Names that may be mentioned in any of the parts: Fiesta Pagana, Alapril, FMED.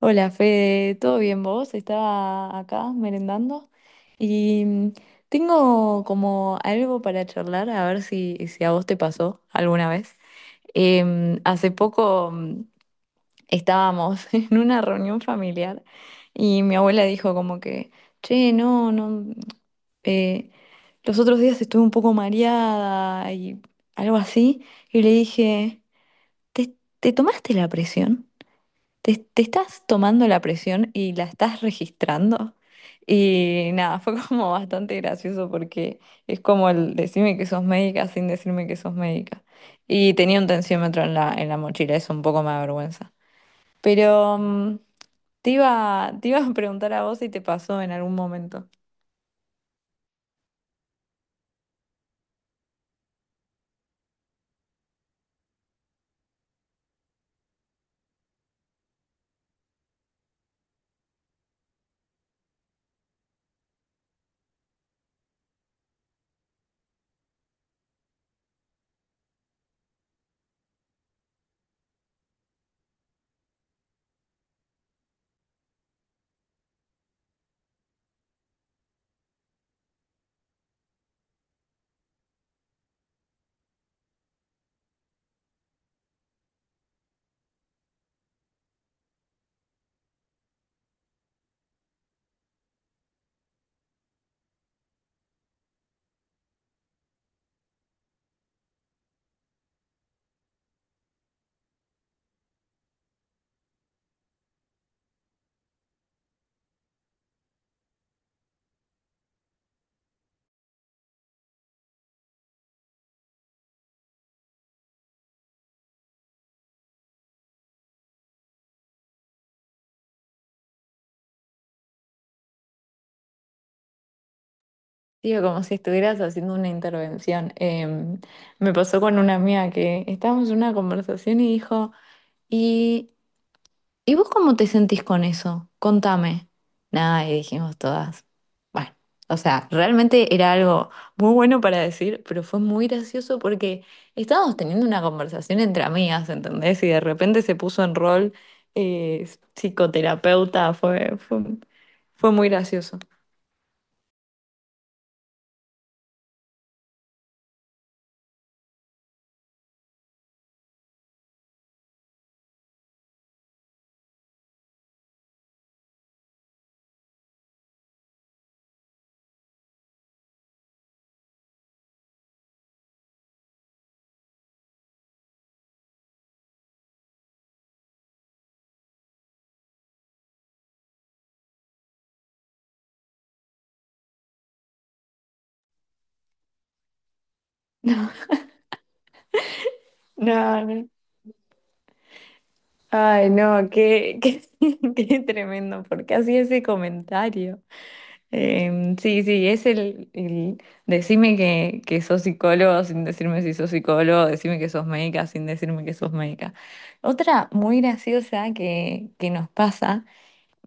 Hola Fede, ¿todo bien vos? Estaba acá merendando y tengo como algo para charlar, a ver si a vos te pasó alguna vez. Hace poco estábamos en una reunión familiar y mi abuela dijo como que, che, no, no, eh, los otros días estuve un poco mareada y algo así, y le dije, ¿te, te tomaste la presión? Te estás tomando la presión y la estás registrando. Y nada, fue como bastante gracioso porque es como el decirme que sos médica sin decirme que sos médica. Y tenía un tensiómetro en la mochila, eso un poco me avergüenza. Pero te iba a preguntar a vos si te pasó en algún momento. Digo, como si estuvieras haciendo una intervención. Me pasó con una amiga que estábamos en una conversación y dijo, y ¿Y vos cómo te sentís con eso? Contame. Nada, y dijimos todas. Bueno, o sea, realmente era algo muy bueno para decir, pero fue muy gracioso porque estábamos teniendo una conversación entre amigas, ¿entendés? Y de repente se puso en rol eh, psicoterapeuta, fue muy gracioso. No, no. Ay, no, qué tremendo, porque hacía ese comentario. Sí, sí, es el decime que sos psicólogo sin decirme si sos psicólogo, decime que sos médica sin decirme que sos médica. Otra muy graciosa que nos pasa,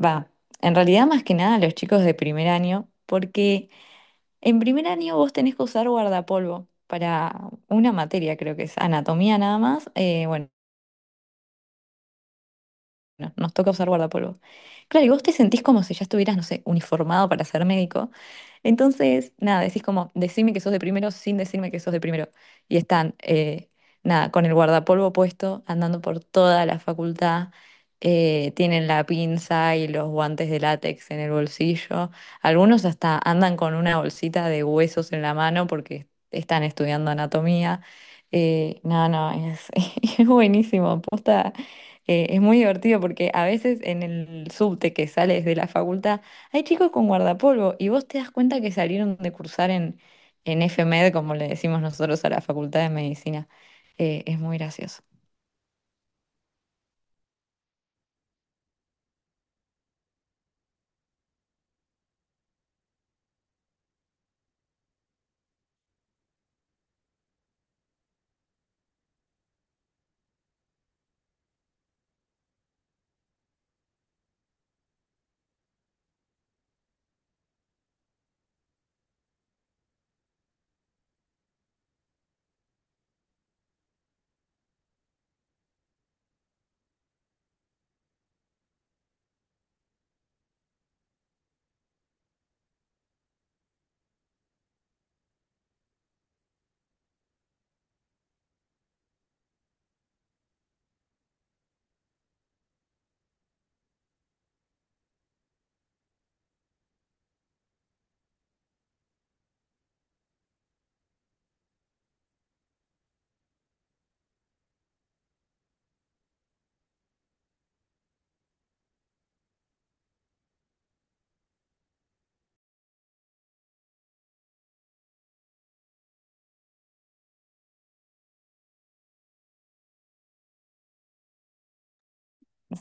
va, en realidad más que nada a los chicos de primer año, porque en primer año vos tenés que usar guardapolvo para una materia, creo que es anatomía nada más, bueno. Bueno, nos toca usar guardapolvo. Claro, y vos te sentís como si ya estuvieras, no sé, uniformado para ser médico. Entonces, nada, decís como, decime que sos de primero sin decirme que sos de primero. Y están, nada, con el guardapolvo puesto, andando por toda la facultad. Tienen la pinza y los guantes de látex en el bolsillo. Algunos hasta andan con una bolsita de huesos en la mano porque están estudiando anatomía. No, no, es, es buenísimo. Posta, es muy divertido porque a veces en el subte que sales de la facultad hay chicos con guardapolvo y vos te das cuenta que salieron de cursar en FMED, como le decimos nosotros a la Facultad de Medicina. Es muy gracioso.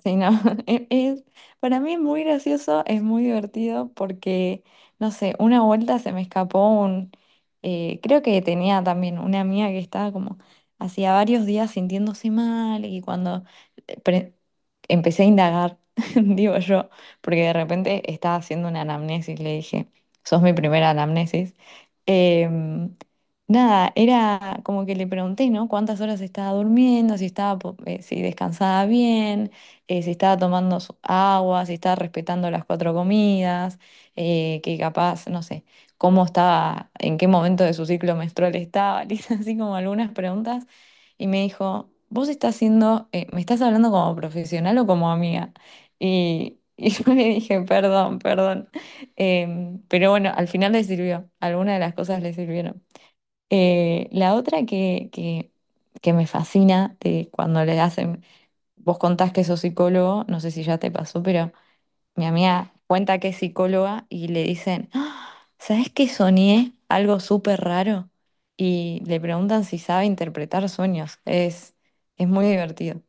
Sí, no, es, es- para mí es muy gracioso, es muy divertido porque, no sé, una vuelta se me escapó creo que tenía también una amiga que estaba como hacía varios días sintiéndose mal y cuando eh, pre- empecé a indagar, digo yo, porque de repente estaba haciendo una anamnesis, le dije, sos mi primera anamnesis. Em, nada, era como que le pregunté, ¿no? ¿Cuántas horas estaba durmiendo? Si estaba, si descansaba bien, si estaba tomando su agua, si estaba respetando las cuatro comidas, que capaz, no sé, cómo estaba, en qué momento de su ciclo menstrual estaba, le hice así como algunas preguntas y me dijo, vos estás siendo, me estás hablando como profesional o como amiga. Y yo le dije, perdón, perdón. Pero bueno, al final le sirvió, algunas de las cosas le sirvieron. La otra que me fascina de cuando le hacen. Vos contás que sos psicólogo, no sé si ya te pasó, pero mi amiga cuenta que es psicóloga y le dicen, "Ah, ¿sabés qué soñé? Algo súper raro." Y le preguntan si sabe interpretar sueños. Es muy divertido.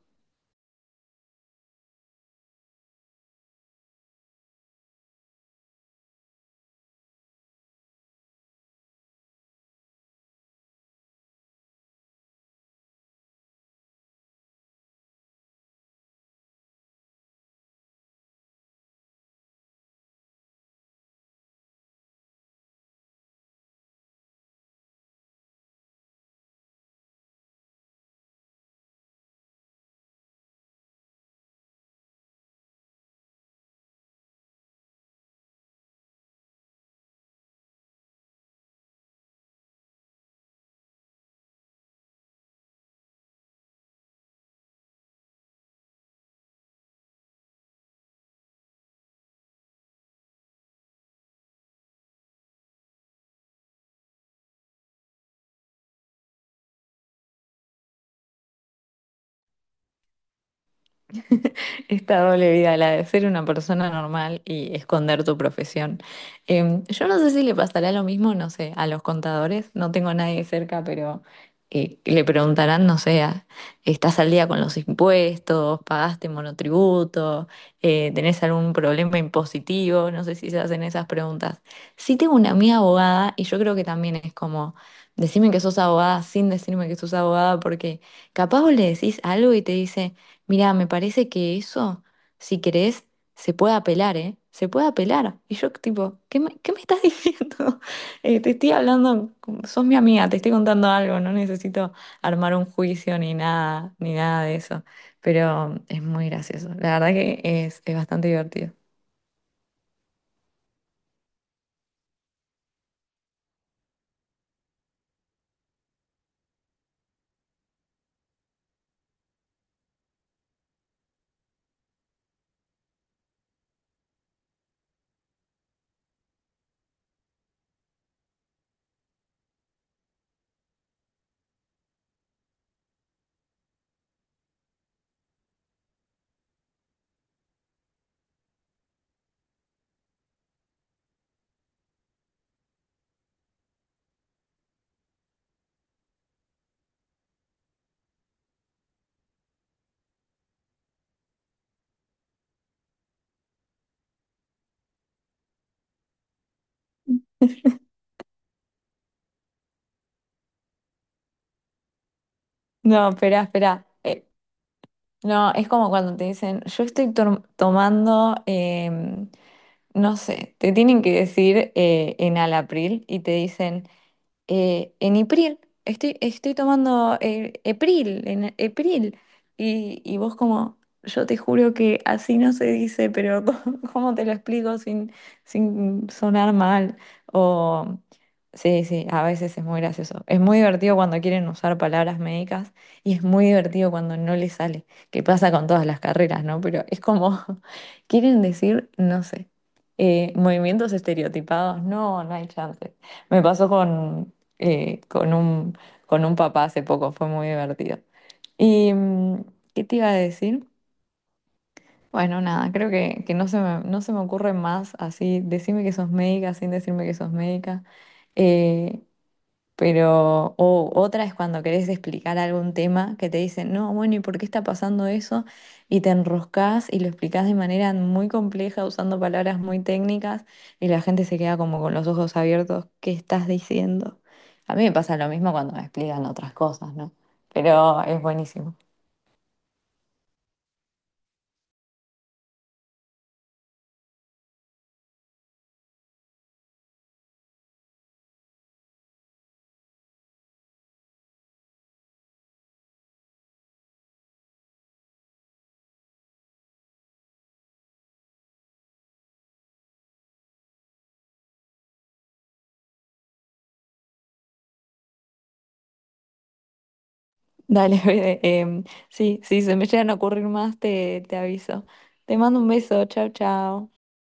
Esta doble vida, la de ser una persona normal y esconder tu profesión. Yo no sé si le pasará lo mismo, no sé, a los contadores. No tengo a nadie cerca, pero le preguntarán, no sé, ¿estás al día con los impuestos? ¿Pagaste monotributo? ¿Tenés algún problema impositivo? No sé si se hacen esas preguntas. Sí tengo una amiga abogada y yo creo que también es como, decime que sos abogada sin decirme que sos abogada porque... Capaz vos le decís algo y te dice, mirá, me parece que eso, si querés, se puede apelar, ¿eh? Se puede apelar. Y yo, tipo, ¿qué me estás diciendo? Te estoy hablando, sos mi amiga, te estoy contando algo, no necesito armar un juicio ni nada, ni nada de eso. Pero es muy gracioso. La verdad que es bastante divertido. No, espera, espera. No, es como cuando te dicen, yo estoy tomando no sé, te tienen que decir en Alapril y te dicen, en Ipril. Estoy tomando Epril, en Epril. Y vos como, yo te juro que así no se dice, pero ¿cómo te lo explico sin sonar mal? O, sí, sí, a veces es muy gracioso. Es muy divertido cuando quieren usar palabras médicas y es muy divertido cuando no les sale, que pasa con todas las carreras, ¿no? Pero es como, quieren decir, no sé. Movimientos estereotipados, no, no hay chance. Me pasó eh, con un, con un papá hace poco, fue muy divertido. ¿Y qué te iba a decir? Bueno, nada, creo que no se me ocurre más así, decime que sos médica sin decirme que sos médica. Eh, o otra es cuando querés explicar algún tema que te dicen, no, bueno, ¿y por qué está pasando eso? Y te enroscás y lo explicás de manera muy compleja, usando palabras muy técnicas, y la gente se queda como con los ojos abiertos, ¿qué estás diciendo? A mí me pasa lo mismo cuando me explican otras cosas, ¿no? Pero es buenísimo. Dale, Fede, sí, sí, se me llegan a ocurrir más, te aviso. Te mando un beso, chao, chao.